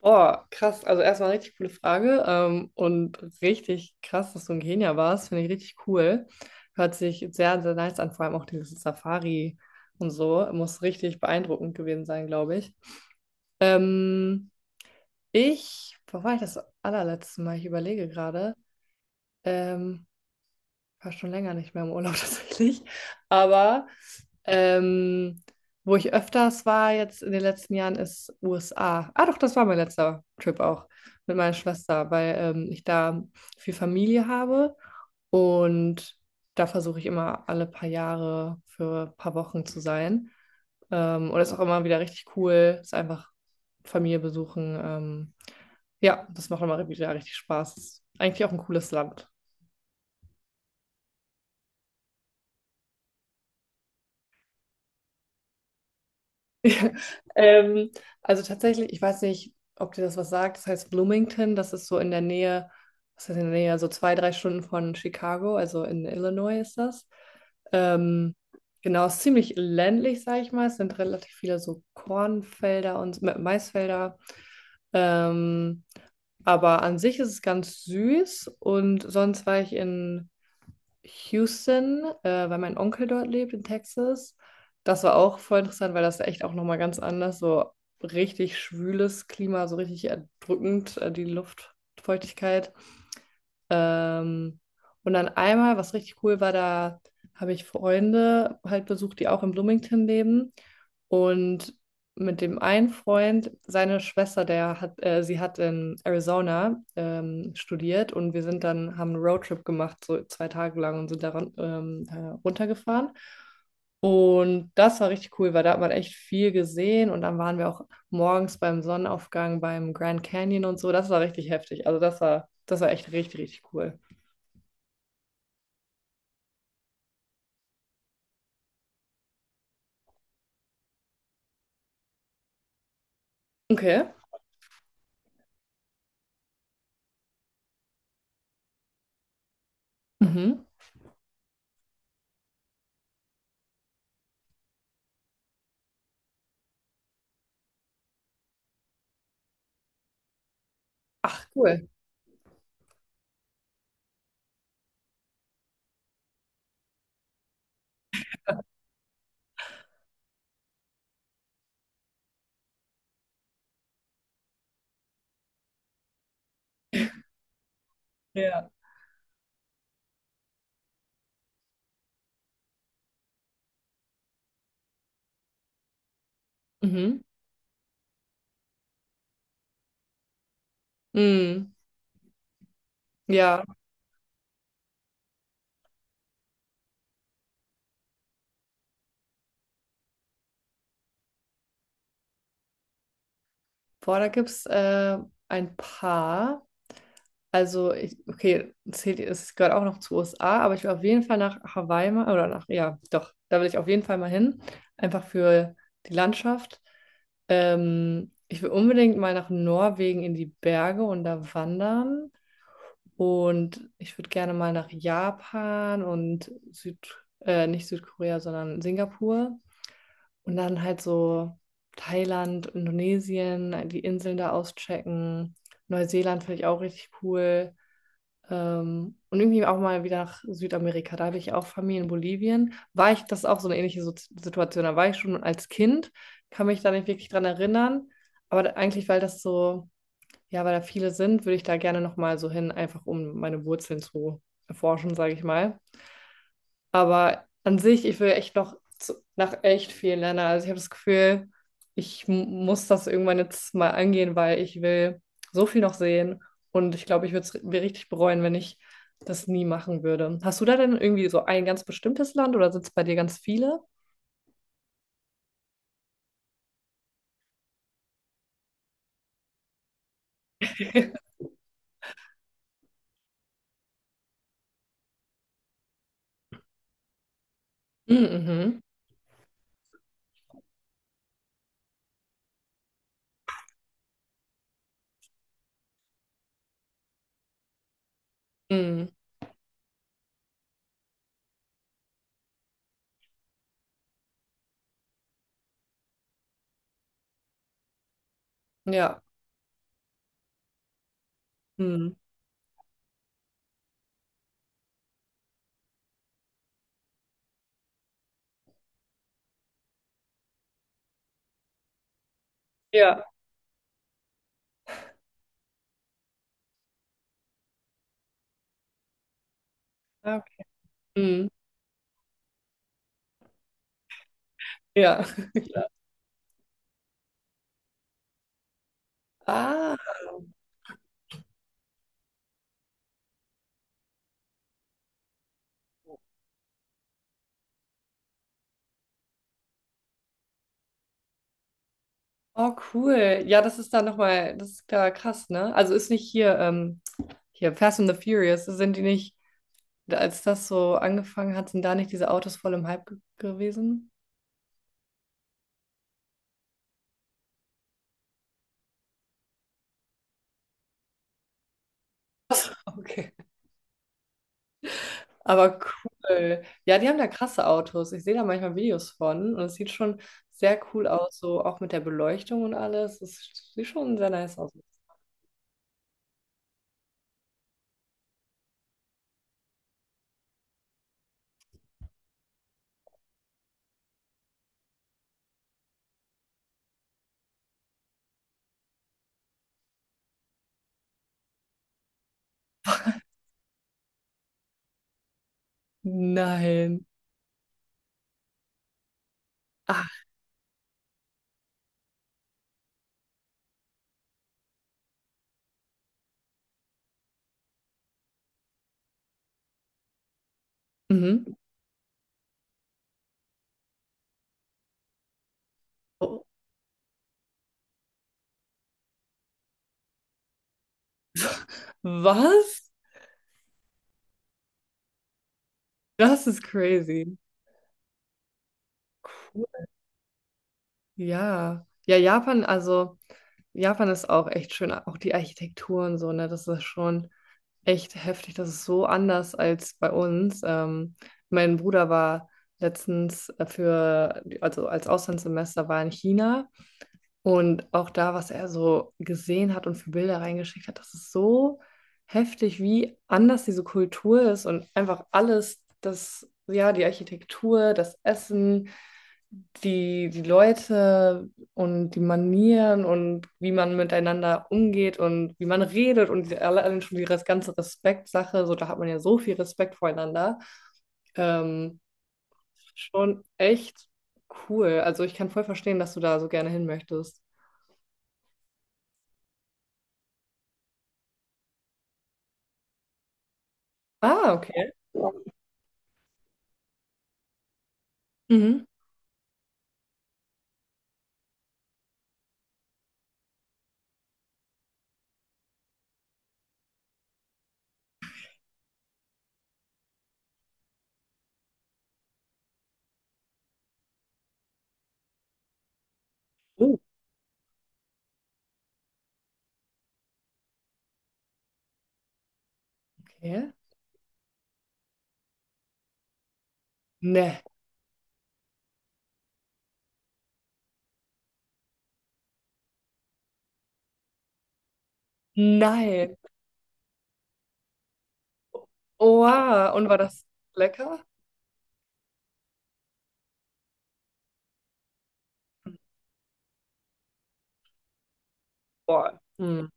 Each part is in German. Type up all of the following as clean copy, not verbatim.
Boah, krass. Also erstmal richtig coole Frage, und richtig krass, dass du in Kenia warst. Finde ich richtig cool. Hört sich sehr, sehr nice an, vor allem auch diese Safari und so. Muss richtig beeindruckend gewesen sein, glaube ich. Ähm, Ich, wo war ich das allerletzte Mal? Ich überlege gerade. Ähm, War schon länger nicht mehr im Urlaub tatsächlich. Aber ähm, wo ich öfters war jetzt in den letzten Jahren ist USA. Ah doch, das war mein letzter Trip auch mit meiner Schwester, weil, ich da viel Familie habe und da versuche ich immer alle paar Jahre für ein paar Wochen zu sein. Und das ist auch immer wieder richtig cool, ist einfach Familie besuchen. Ja, das macht immer wieder richtig Spaß. Ist eigentlich auch ein cooles Land. Ähm, also tatsächlich, ich weiß nicht, ob dir das was sagt. Das heißt Bloomington, das ist so in der Nähe, so zwei, drei Stunden von Chicago, also in Illinois ist das. Ähm, genau, ist ziemlich ländlich, sage ich mal. Es sind relativ viele so Kornfelder und Maisfelder. Ähm, aber an sich ist es ganz süß. Und sonst war ich in Houston, weil mein Onkel dort lebt in Texas. Das war auch voll interessant, weil das echt auch nochmal ganz anders, so richtig schwüles Klima, so richtig erdrückend, die Luftfeuchtigkeit. Ähm, und dann einmal, was richtig cool war, da habe ich Freunde halt besucht, die auch in Bloomington leben. Und mit dem einen Freund, seine Schwester, sie hat in Arizona studiert und haben einen Roadtrip gemacht, so zwei Tage lang und sind da ähm, äh, runtergefahren. Und das war richtig cool, weil da hat man echt viel gesehen und dann waren wir auch morgens beim Sonnenaufgang beim Grand Canyon und so. Das war richtig heftig. Also das war echt richtig, richtig cool. Okay. Mhm. Cool. Ja. Mhm. Mhm. Ja. Boah, da gibt es ein paar. Also, okay, zählt, es gehört auch noch zu USA, aber ich will auf jeden Fall nach Hawaii mal, oder nach, ja, doch, da will ich auf jeden Fall mal hin. Einfach für die Landschaft. Ich will unbedingt mal nach Norwegen in die Berge und da wandern. Und ich würde gerne mal nach Japan und Süd, nicht Südkorea, sondern Singapur. Und dann halt so Thailand, Indonesien, die Inseln da auschecken. Neuseeland finde ich auch richtig cool. Und irgendwie auch mal wieder nach Südamerika. Da habe ich auch Familie in Bolivien. War ich, das ist auch so eine ähnliche Situation. Da war ich schon als Kind, kann mich da nicht wirklich dran erinnern. Aber eigentlich, weil das so, ja, weil da viele sind, würde ich da gerne nochmal so hin, einfach um meine Wurzeln zu erforschen, sage ich mal. Aber an sich, ich will echt nach echt vielen Ländern. Also ich habe das Gefühl, ich muss das irgendwann jetzt mal angehen, weil ich will so viel noch sehen. Und ich glaube, ich würde es mir richtig bereuen, wenn ich das nie machen würde. Hast du da denn irgendwie so ein ganz bestimmtes Land oder sind es bei dir ganz viele? Mhm. Mhm. Mhm. Ja. Mhm. Ja. Ah, okay. Mhm. Ja. Ja. Ah. Oh, cool. Ja, das ist da nochmal, das ist da krass, ne? Also ist nicht hier, hier Fast and the Furious, sind die nicht, als das so angefangen hat, sind da nicht diese Autos voll im Hype ge gewesen? Okay. Aber cool. Ja, die haben da krasse Autos. Ich sehe da manchmal Videos von und es sieht schon sehr cool aus, so auch mit der Beleuchtung und alles. Es sieht schon sehr nice aus. Nein. Ach, mhm. Oh, was? Das ist crazy. Cool. Ja. Ja, Japan, also. Japan ist auch echt schön, auch die Architektur und so, ne? Das ist schon echt heftig. Das ist so anders als bei uns. Mein Bruder war letztens also als Auslandssemester war in China und auch da, was er so gesehen hat und für Bilder reingeschickt hat, das ist so heftig, wie anders diese Kultur ist und einfach alles, das, ja, die Architektur, das Essen, die Leute und die Manieren und wie man miteinander umgeht und wie man redet und allein schon die ganze Respektsache, so da hat man ja so viel Respekt voreinander. Ähm, schon echt cool. Also ich kann voll verstehen, dass du da so gerne hin möchtest. Ah, okay. Mhm. Oh, okay. Ne. Nein. Oh, wow. Und war das lecker? Boah. Hm.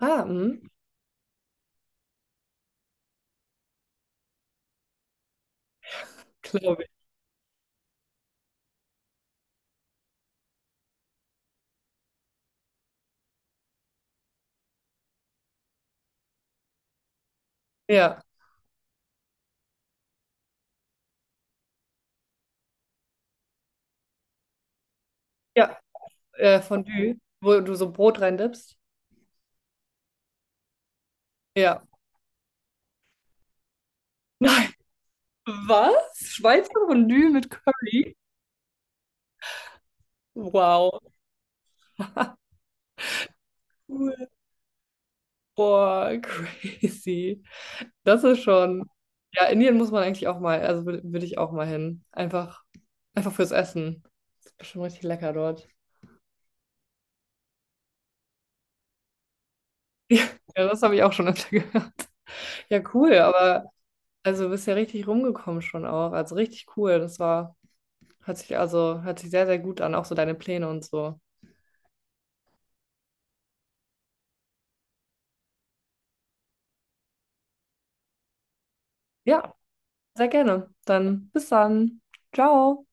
Ah, mhm. Glaube ich. Ja. Ja. Fondue, wo du so Brot reindippst. Ja. Nein. Was? Schweizer Fondue mit Curry? Wow. Cool. Boah, crazy. Das ist schon. Ja, Indien muss man eigentlich auch mal, also würde ich auch mal hin. Einfach, einfach fürs Essen. Das ist bestimmt richtig lecker dort. Ja, das habe ich auch schon öfter gehört. Ja, cool, aber also du bist ja richtig rumgekommen schon auch. Also richtig cool. Hat sich also, hört sich sehr, sehr gut an, auch so deine Pläne und so. Ja. Sehr gerne. Dann bis dann. Ciao.